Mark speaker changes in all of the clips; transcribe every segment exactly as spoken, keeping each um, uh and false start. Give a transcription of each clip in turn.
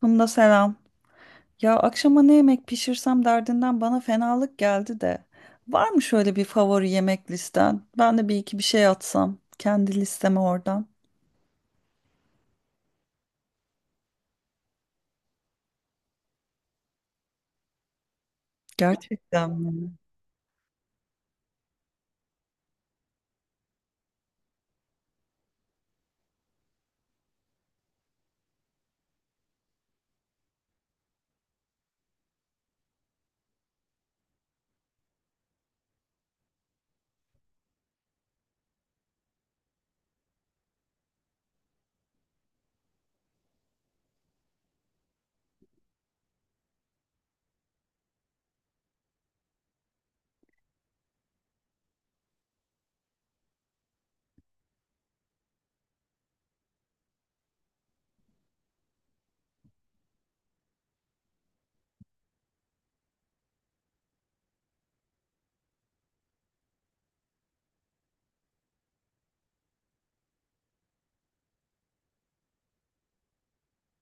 Speaker 1: Funda selam. Ya akşama ne yemek pişirsem derdinden bana fenalık geldi de. Var mı şöyle bir favori yemek listen? Ben de bir iki bir şey atsam kendi listeme oradan. Gerçekten mi?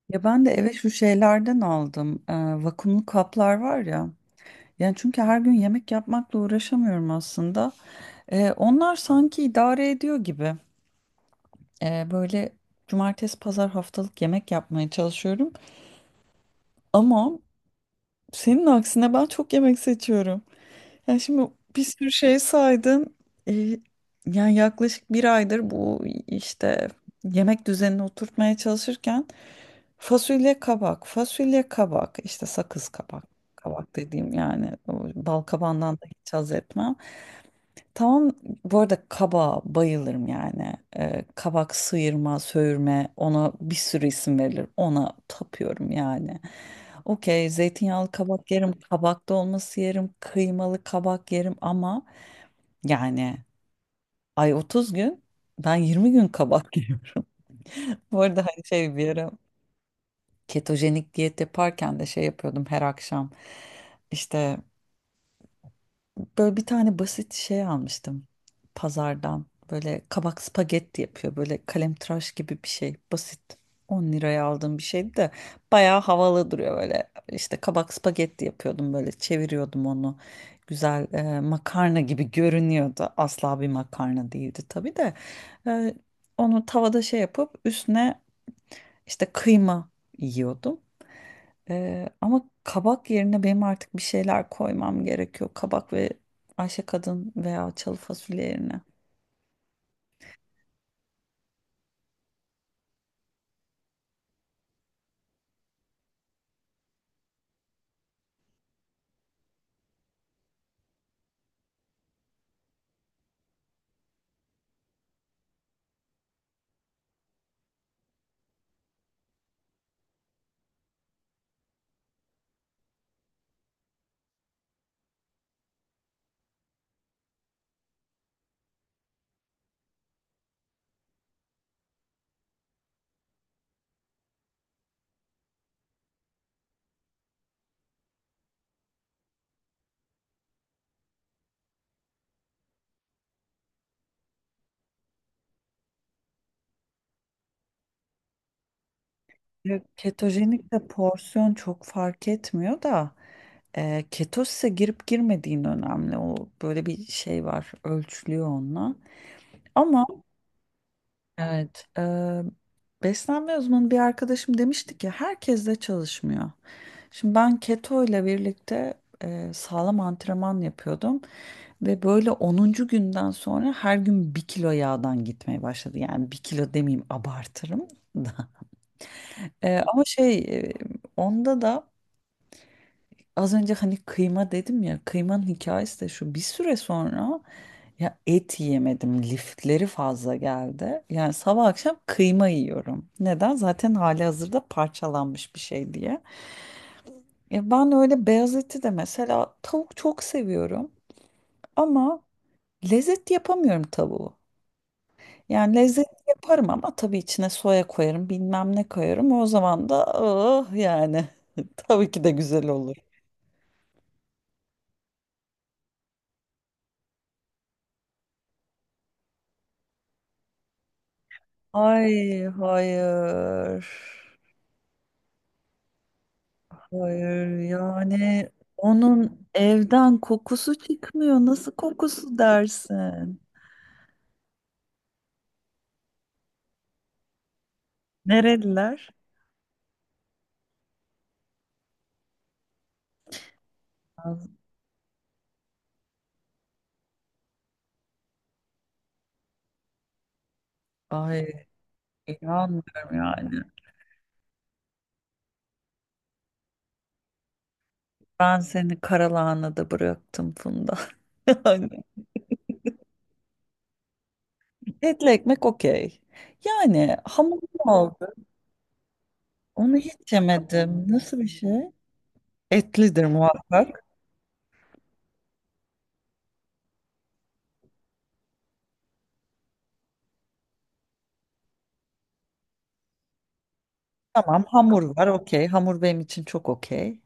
Speaker 1: Ya ben de eve şu şeylerden aldım. Ee, vakumlu kaplar var ya. Yani çünkü her gün yemek yapmakla uğraşamıyorum aslında. Ee, onlar sanki idare ediyor gibi. Ee, böyle cumartesi pazar haftalık yemek yapmaya çalışıyorum. Ama senin aksine ben çok yemek seçiyorum. Ya şimdi bir sürü şey saydın. Ee, Yani yaklaşık bir aydır bu işte yemek düzenini oturtmaya çalışırken fasulye kabak, fasulye kabak, işte sakız kabak, kabak dediğim yani o bal kabağından da hiç haz etmem. Tamam, bu arada kaba bayılırım yani. Ee, kabak sıyırma, söğürme, ona bir sürü isim verilir. Ona tapıyorum yani. Okey, zeytinyağlı kabak yerim, kabak dolması yerim, kıymalı kabak yerim ama yani, ay otuz gün, ben yirmi gün kabak yiyorum. Bu arada hani şey, bir ara ketojenik diyet yaparken de şey yapıyordum her akşam. İşte böyle bir tane basit şey almıştım pazardan. Böyle kabak spagetti yapıyor. Böyle kalemtıraş gibi bir şey. Basit. On liraya aldığım bir şeydi de bayağı havalı duruyor böyle. İşte kabak spagetti yapıyordum, böyle çeviriyordum onu. Güzel, e, makarna gibi görünüyordu. Asla bir makarna değildi tabii de. E, Onu tavada şey yapıp üstüne işte kıyma yiyordum. Ee, ama kabak yerine benim artık bir şeyler koymam gerekiyor. Kabak ve Ayşe Kadın veya çalı fasulye yerine. Evet. Ketojenik de porsiyon çok fark etmiyor da e, ketose girip girmediğin önemli. O böyle bir şey var, ölçülüyor onunla. Ama evet. Eee, beslenme uzmanı bir arkadaşım demişti ki herkes de çalışmıyor. Şimdi ben keto ile birlikte eee, sağlam antrenman yapıyordum. Ve böyle onuncu günden sonra her gün bir kilo yağdan gitmeye başladı. Yani bir kilo demeyeyim, abartırım da. Eee, ama şey, eee, onda da az önce hani kıyma dedim ya, kıymanın hikayesi de şu: bir süre sonra ya et yiyemedim, lifleri fazla geldi. Yani sabah akşam kıyma yiyorum. Neden? Zaten hali hazırda parçalanmış bir şey diye. Ya ben öyle beyaz eti de mesela, tavuk çok seviyorum ama lezzet yapamıyorum tavuğu. Yani lezzet yaparım ama tabii içine soya koyarım, bilmem ne koyarım, o zaman da ah yani tabii ki de güzel olur. Ay hayır. Hayır yani, onun evden kokusu çıkmıyor. Nasıl kokusu dersin? Nereliler? Az- Ay inanmıyorum yani. Ben seni karalahanada bıraktım Funda. Yani etli ekmek okey. Yani hamur, oldu. Onu hiç yemedim. Nasıl bir şey? Etlidir muhakkak. Tamam, hamur var, okey. Hamur benim için çok okey.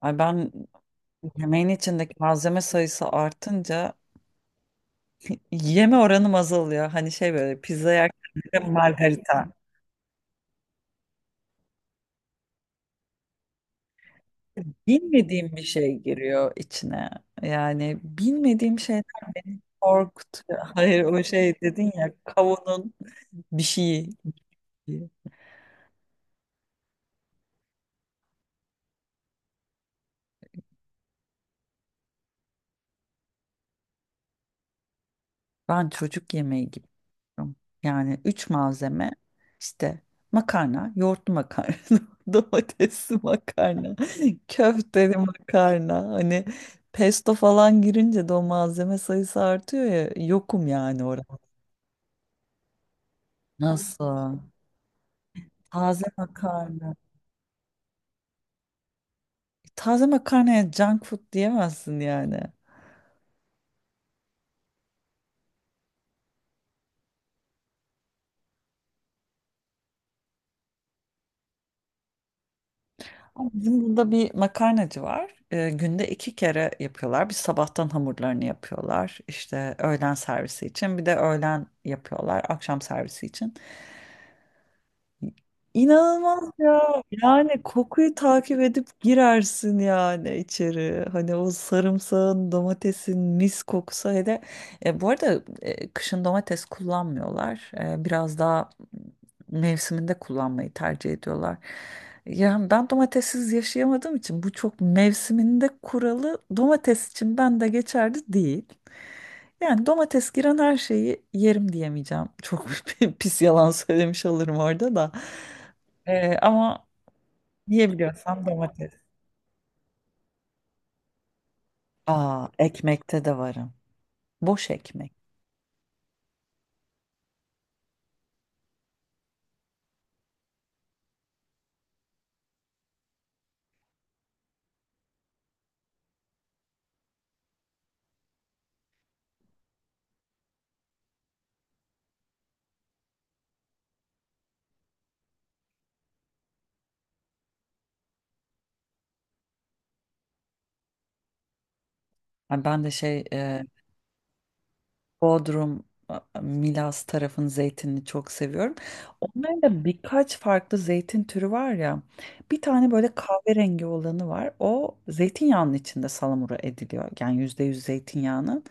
Speaker 1: Ay ben yemeğin içindeki malzeme sayısı artınca yeme oranım azalıyor. Hani şey, böyle pizza yerken margarita. Bilmediğim bir şey giriyor içine. Yani bilmediğim şey korkutuyor. Hayır, o şey dedin ya, kavunun bir şeyi. Ben çocuk yemeği gibi yapıyorum. Yani üç malzeme, işte makarna, yoğurtlu makarna, domatesli makarna, köfteli makarna. Hani pesto falan girince de o malzeme sayısı artıyor ya. Yokum yani orada. Nasıl? Taze makarna. Taze makarnaya junk food diyemezsin yani. Ama bizim burada bir makarnacı var. Ee, günde iki kere yapıyorlar. Bir sabahtan hamurlarını yapıyorlar. İşte öğlen servisi için. Bir de öğlen yapıyorlar. Akşam servisi için. İnanılmaz ya. Yani kokuyu takip edip girersin yani içeri. Hani o sarımsağın, domatesin mis kokusu. Hele e, bu arada e, kışın domates kullanmıyorlar. E, biraz daha mevsiminde kullanmayı tercih ediyorlar. Yani ben domatessiz yaşayamadığım için bu çok mevsiminde kuralı domates için ben de geçerli değil. Yani domates giren her şeyi yerim diyemeyeceğim. Çok pis yalan söylemiş olurum orada da. Ee, ama yiyebiliyorsam domates. Aa, ekmekte de varım. Boş ekmek. Yani ben de şey, e, Bodrum, e, Milas tarafın zeytinini çok seviyorum. Onların da birkaç farklı zeytin türü var ya. Bir tane böyle kahverengi olanı var. O zeytinyağının içinde salamura ediliyor. Yani yüzde yüz zeytinyağının.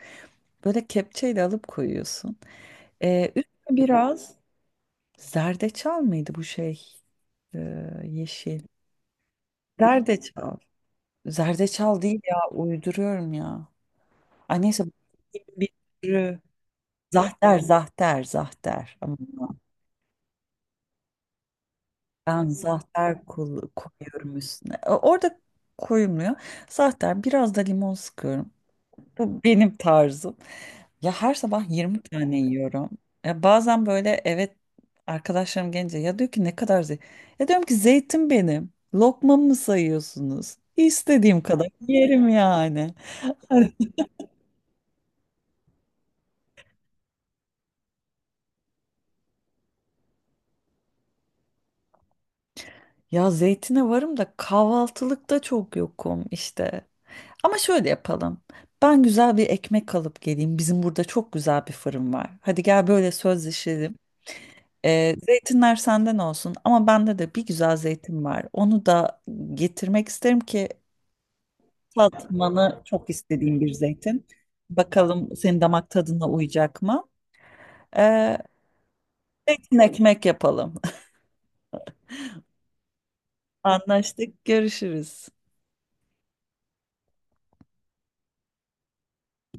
Speaker 1: Böyle kepçeyle alıp koyuyorsun. Ee, üstüne biraz zerdeçal mıydı bu şey? Ee, yeşil. Zerdeçal. Zerdeçal değil ya, uyduruyorum ya. Ay neyse, bu bir türü. Zahter, zahter, zahter. Ama ben zahter kul- koyuyorum üstüne. O- Orada koyulmuyor. Zahter, biraz da limon sıkıyorum. Bu benim tarzım. Ya her sabah yirmi tane yiyorum. Ya bazen böyle, evet, arkadaşlarım gelince ya diyor ki ne kadar zeytin. Ya diyorum ki zeytin benim. Lokmamı mı sayıyorsunuz? İstediğim kadar yerim yani. Ya zeytine varım da kahvaltılıkta çok yokum işte. Ama şöyle yapalım. Ben güzel bir ekmek alıp geleyim. Bizim burada çok güzel bir fırın var. Hadi gel, böyle sözleşelim. Ee, zeytinler senden olsun ama bende de bir güzel zeytin var. Onu da getirmek isterim ki tatmanı çok istediğim bir zeytin. Bakalım senin damak tadına uyacak mı? Ee, Zeytin ekmek yapalım. Anlaştık, görüşürüz.